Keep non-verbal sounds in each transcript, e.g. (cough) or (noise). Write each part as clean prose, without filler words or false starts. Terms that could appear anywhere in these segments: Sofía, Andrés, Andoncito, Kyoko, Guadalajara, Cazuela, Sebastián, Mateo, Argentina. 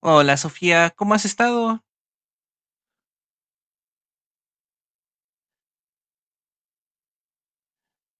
Hola Sofía, ¿cómo has estado?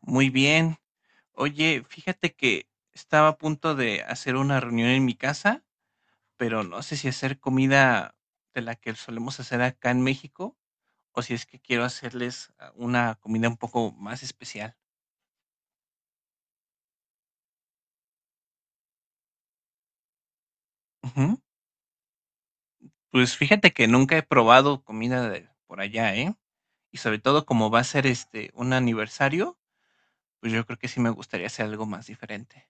Muy bien. Oye, fíjate que estaba a punto de hacer una reunión en mi casa, pero no sé si hacer comida de la que solemos hacer acá en México o si es que quiero hacerles una comida un poco más especial. Ujú. Pues fíjate que nunca he probado comida de por allá, ¿eh? Y sobre todo como va a ser un aniversario, pues yo creo que sí me gustaría hacer algo más diferente.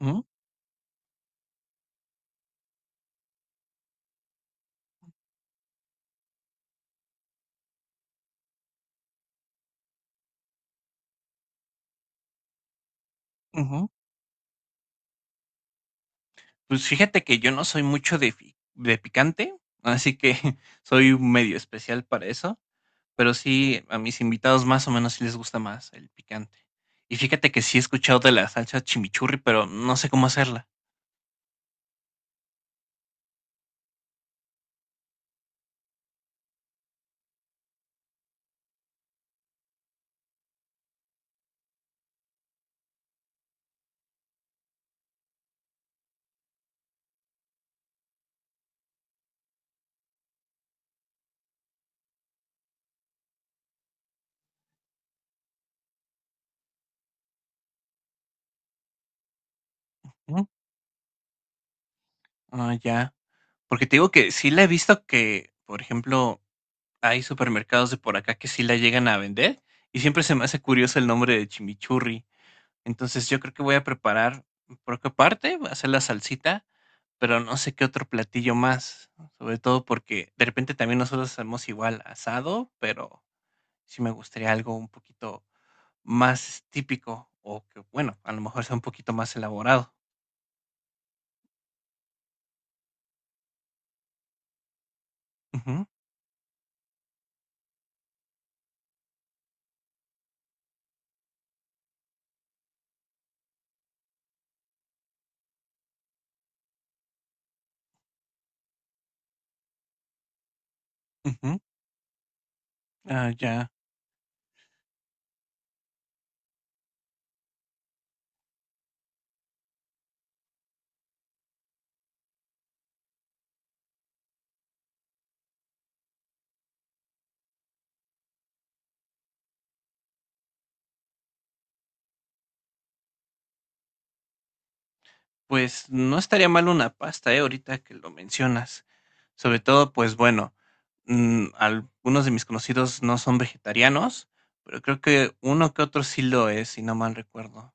Ujú, ujú. Pues fíjate que yo no soy mucho de fi de picante, así que (laughs) soy un medio especial para eso, pero sí, a mis invitados más o menos sí les gusta más el picante. Y fíjate que sí he escuchado de la salsa chimichurri, pero no sé cómo hacerla. ¿Mm? Ah, ya. Porque te digo que sí la he visto que, por ejemplo, hay supermercados de por acá que sí la llegan a vender y siempre se me hace curioso el nombre de chimichurri. Entonces yo creo que voy a preparar, por qué parte, voy a hacer la salsita. Pero no sé qué otro platillo más, sobre todo porque de repente también nosotros hacemos igual asado, pero sí me gustaría algo un poquito más típico o que, bueno, a lo mejor sea un poquito más elaborado. Ujú, ujú. Ah, ya. Pues no estaría mal una pasta, ¿eh? Ahorita que lo mencionas. Sobre todo, pues bueno, mm, algunos de mis conocidos no son vegetarianos, pero creo que uno que otro sí lo es, si no mal recuerdo.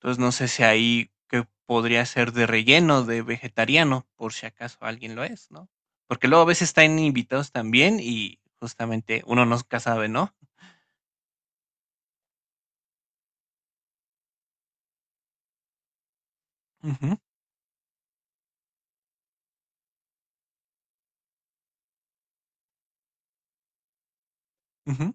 Entonces no sé si ahí que podría ser de relleno, de vegetariano, por si acaso alguien lo es, ¿no? Porque luego a veces están invitados también y justamente uno nunca sabe, ¿no? Ujú, ujú,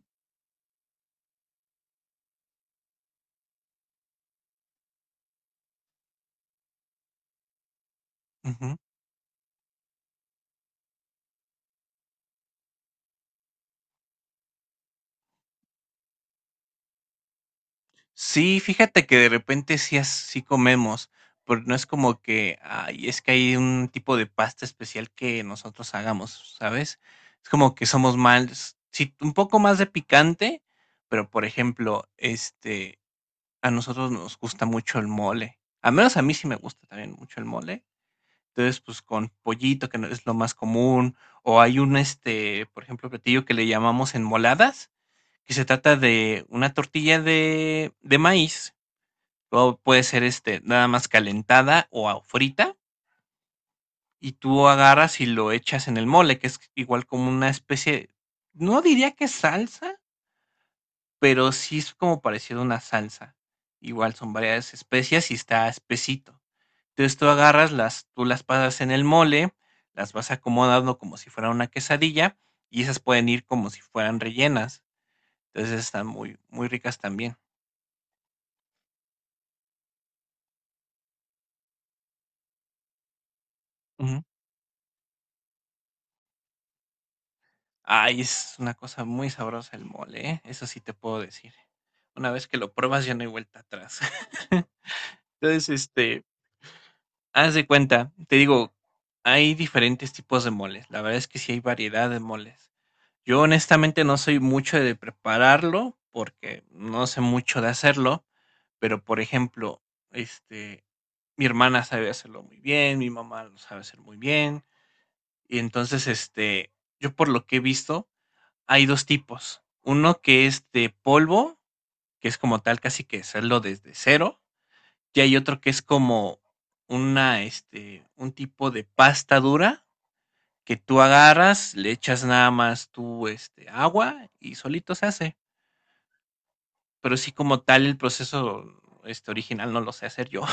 ujú. Sí, fíjate que de repente sí, sí comemos, pero no es como que, ay, es que hay un tipo de pasta especial que nosotros hagamos, ¿sabes? Es como que somos más, sí, un poco más de picante, pero por ejemplo, a nosotros nos gusta mucho el mole. Al menos a mí sí me gusta también mucho el mole. Entonces, pues, con pollito, que no es lo más común, o hay por ejemplo, platillo que le llamamos enmoladas, que se trata de una tortilla de maíz, o puede ser, nada más calentada o frita, y tú agarras y lo echas en el mole, que es igual como una especie, no diría que salsa, pero sí es como parecido a una salsa. Igual son varias especias y está espesito. Entonces tú agarras las, tú las pasas en el mole, las vas acomodando como si fuera una quesadilla y esas pueden ir como si fueran rellenas. Entonces están muy ricas también. Ujú. Ay, es una cosa muy sabrosa el mole, ¿eh? Eso sí te puedo decir. Una vez que lo pruebas ya no hay vuelta atrás. (laughs) Entonces, haz de cuenta, te digo, hay diferentes tipos de moles. La verdad es que sí hay variedad de moles. Yo honestamente no soy mucho de prepararlo porque no sé mucho de hacerlo. Pero, por ejemplo, este, mi hermana sabe hacerlo muy bien, mi mamá lo sabe hacer muy bien. Y entonces, yo por lo que he visto, hay 2 tipos. Uno que es de polvo, que es como tal casi que hacerlo desde cero, y hay otro que es como un tipo de pasta dura que tú agarras, le echas nada más tú, agua y solito se hace. Pero sí como tal el proceso, original no lo sé hacer yo.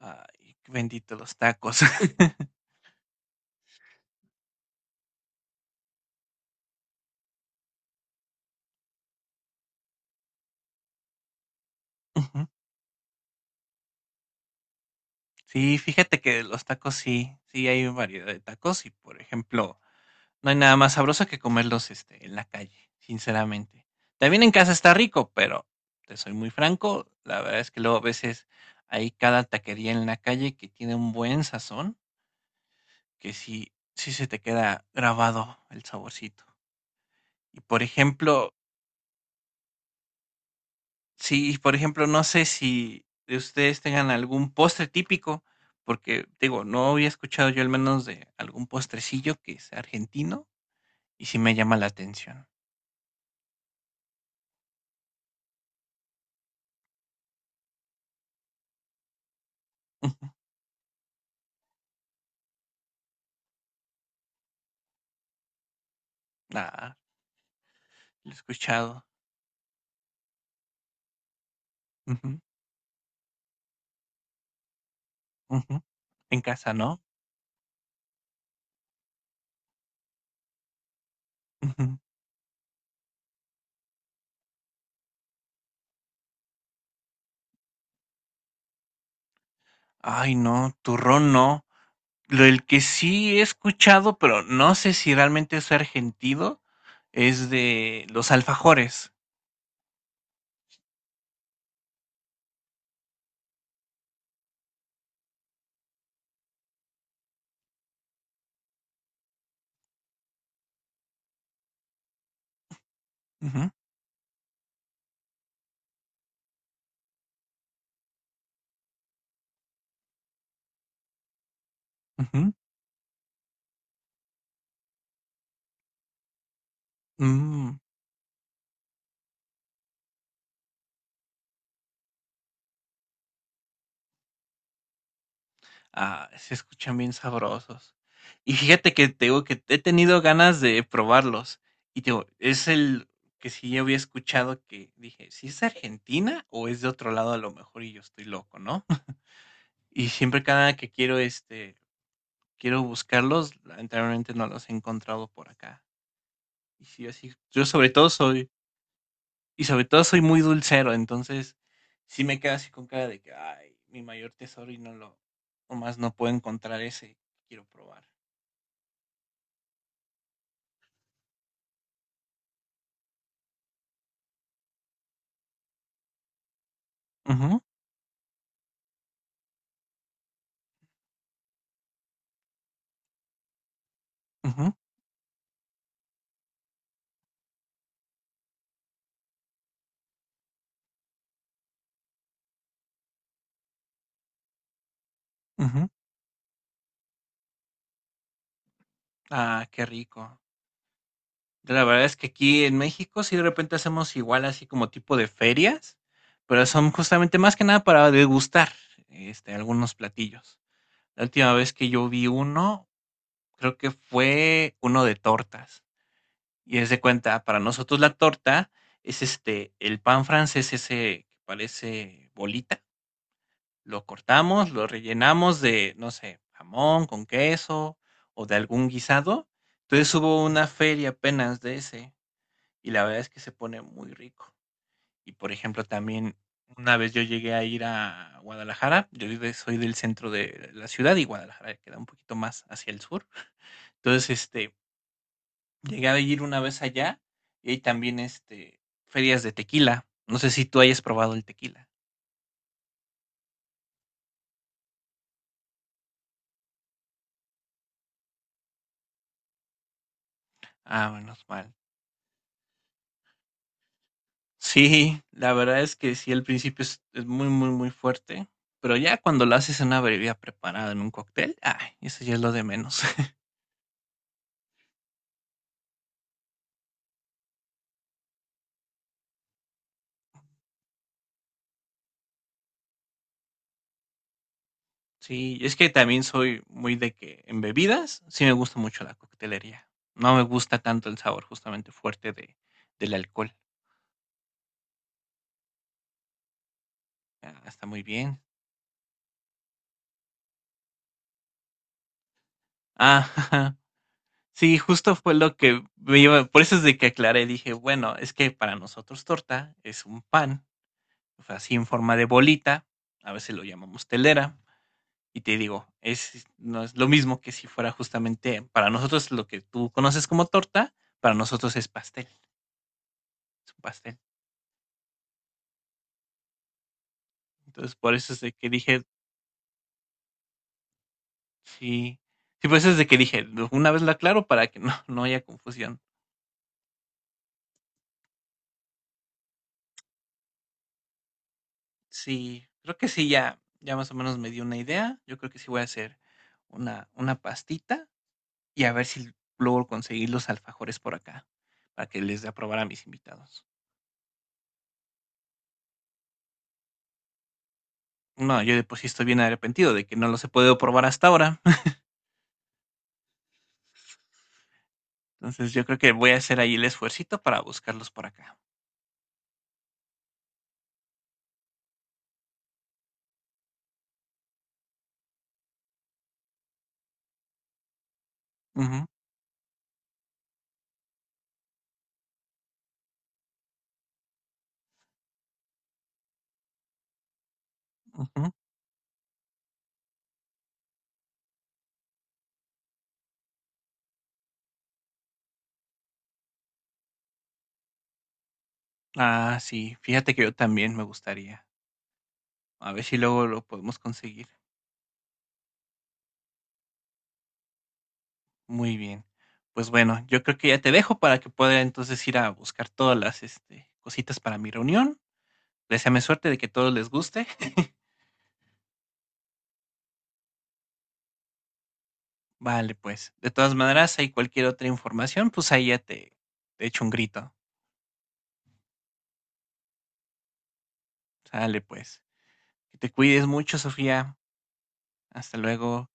Ay, bendito los tacos. (laughs) Ujú. Sí, fíjate que los tacos sí, sí hay variedad de tacos y, por ejemplo, no hay nada más sabroso que comerlos, en la calle, sinceramente. También en casa está rico, pero te soy muy franco, la verdad es que luego a veces hay cada taquería en la calle que tiene un buen sazón, que sí, sí se te queda grabado el saborcito. Y, por ejemplo. Sí, por ejemplo, no sé si ustedes tengan algún postre típico, porque digo, no había escuchado yo al menos de algún postrecillo que sea argentino y sí me llama la atención. Ujú. Ah, lo he escuchado. Ujú, ujú. En casa, ¿no? Ujú. Ay, no, turrón no. Lo el que sí he escuchado, pero no sé si realmente es argentino, es de los alfajores. Ujú, ujú. Mm. Ah, se escuchan bien sabrosos. Y fíjate que te digo que he tenido ganas de probarlos. Y te digo, es el que sí yo había escuchado que dije, si es de Argentina o es de otro lado a lo mejor y yo estoy loco, ¿no? (laughs) Y siempre cada que quiero quiero buscarlos, lamentablemente no los he encontrado por acá. Y sí, así, yo sobre todo soy, y sobre todo soy muy dulcero, entonces sí me quedo así con cara de que, ay, mi mayor tesoro y nomás no puedo encontrar ese que quiero probar. Ujú, ujú, ujú. Ah, qué rico. La verdad es que aquí en México sí de repente hacemos igual así como tipo de ferias, pero son justamente más que nada para degustar algunos platillos. La última vez que yo vi uno, creo que fue uno de tortas. Y es de cuenta, para nosotros la torta es el pan francés ese que parece bolita. Lo cortamos, lo rellenamos de, no sé, jamón con queso o de algún guisado. Entonces hubo una feria apenas de ese y la verdad es que se pone muy rico. Y por ejemplo, también una vez yo llegué a ir a Guadalajara, soy del centro de la ciudad y Guadalajara queda un poquito más hacia el sur. Entonces, llegué a ir una vez allá y hay también ferias de tequila. No sé si tú hayas probado el tequila. Ah, menos mal. Sí, la verdad es que sí, al principio es muy fuerte, pero ya cuando lo haces en una bebida preparada, en un cóctel, ay, eso ya es lo de menos. (laughs) Sí, es que también soy muy de que en bebidas sí me gusta mucho la coctelería. No me gusta tanto el sabor justamente fuerte de, del alcohol. Ah, está muy bien. Ah, (laughs) sí, justo fue lo que me iba, por eso es de que aclaré, dije, bueno, es que para nosotros torta es un pan, o sea, así en forma de bolita, a veces lo llamamos telera. Y te digo, es, no es lo mismo que si fuera justamente para nosotros lo que tú conoces como torta, para nosotros es pastel, es un pastel. Entonces, por eso es de que dije, sí, sí, por eso es de que dije, una vez lo aclaro para que no, no haya confusión. Sí, creo que sí, ya, ya más o menos me dio una idea. Yo creo que sí voy a hacer una pastita y a ver si logro conseguir los alfajores por acá, para que les dé a probar a mis invitados. No, yo de por sí estoy bien arrepentido de que no los he podido probar hasta ahora. Entonces, yo creo que voy a hacer ahí el esfuercito para buscarlos por acá. Ujú, ujú. Ah, sí, fíjate que yo también me gustaría. A ver si luego lo podemos conseguir. Muy bien. Pues bueno, yo creo que ya te dejo para que pueda entonces ir a buscar todas las cositas para mi reunión. Deseame suerte de que todos les guste. (laughs) Vale, pues. De todas maneras, hay cualquier otra información, pues ahí ya te echo un grito. Sale, pues. Que te cuides mucho, Sofía. Hasta luego.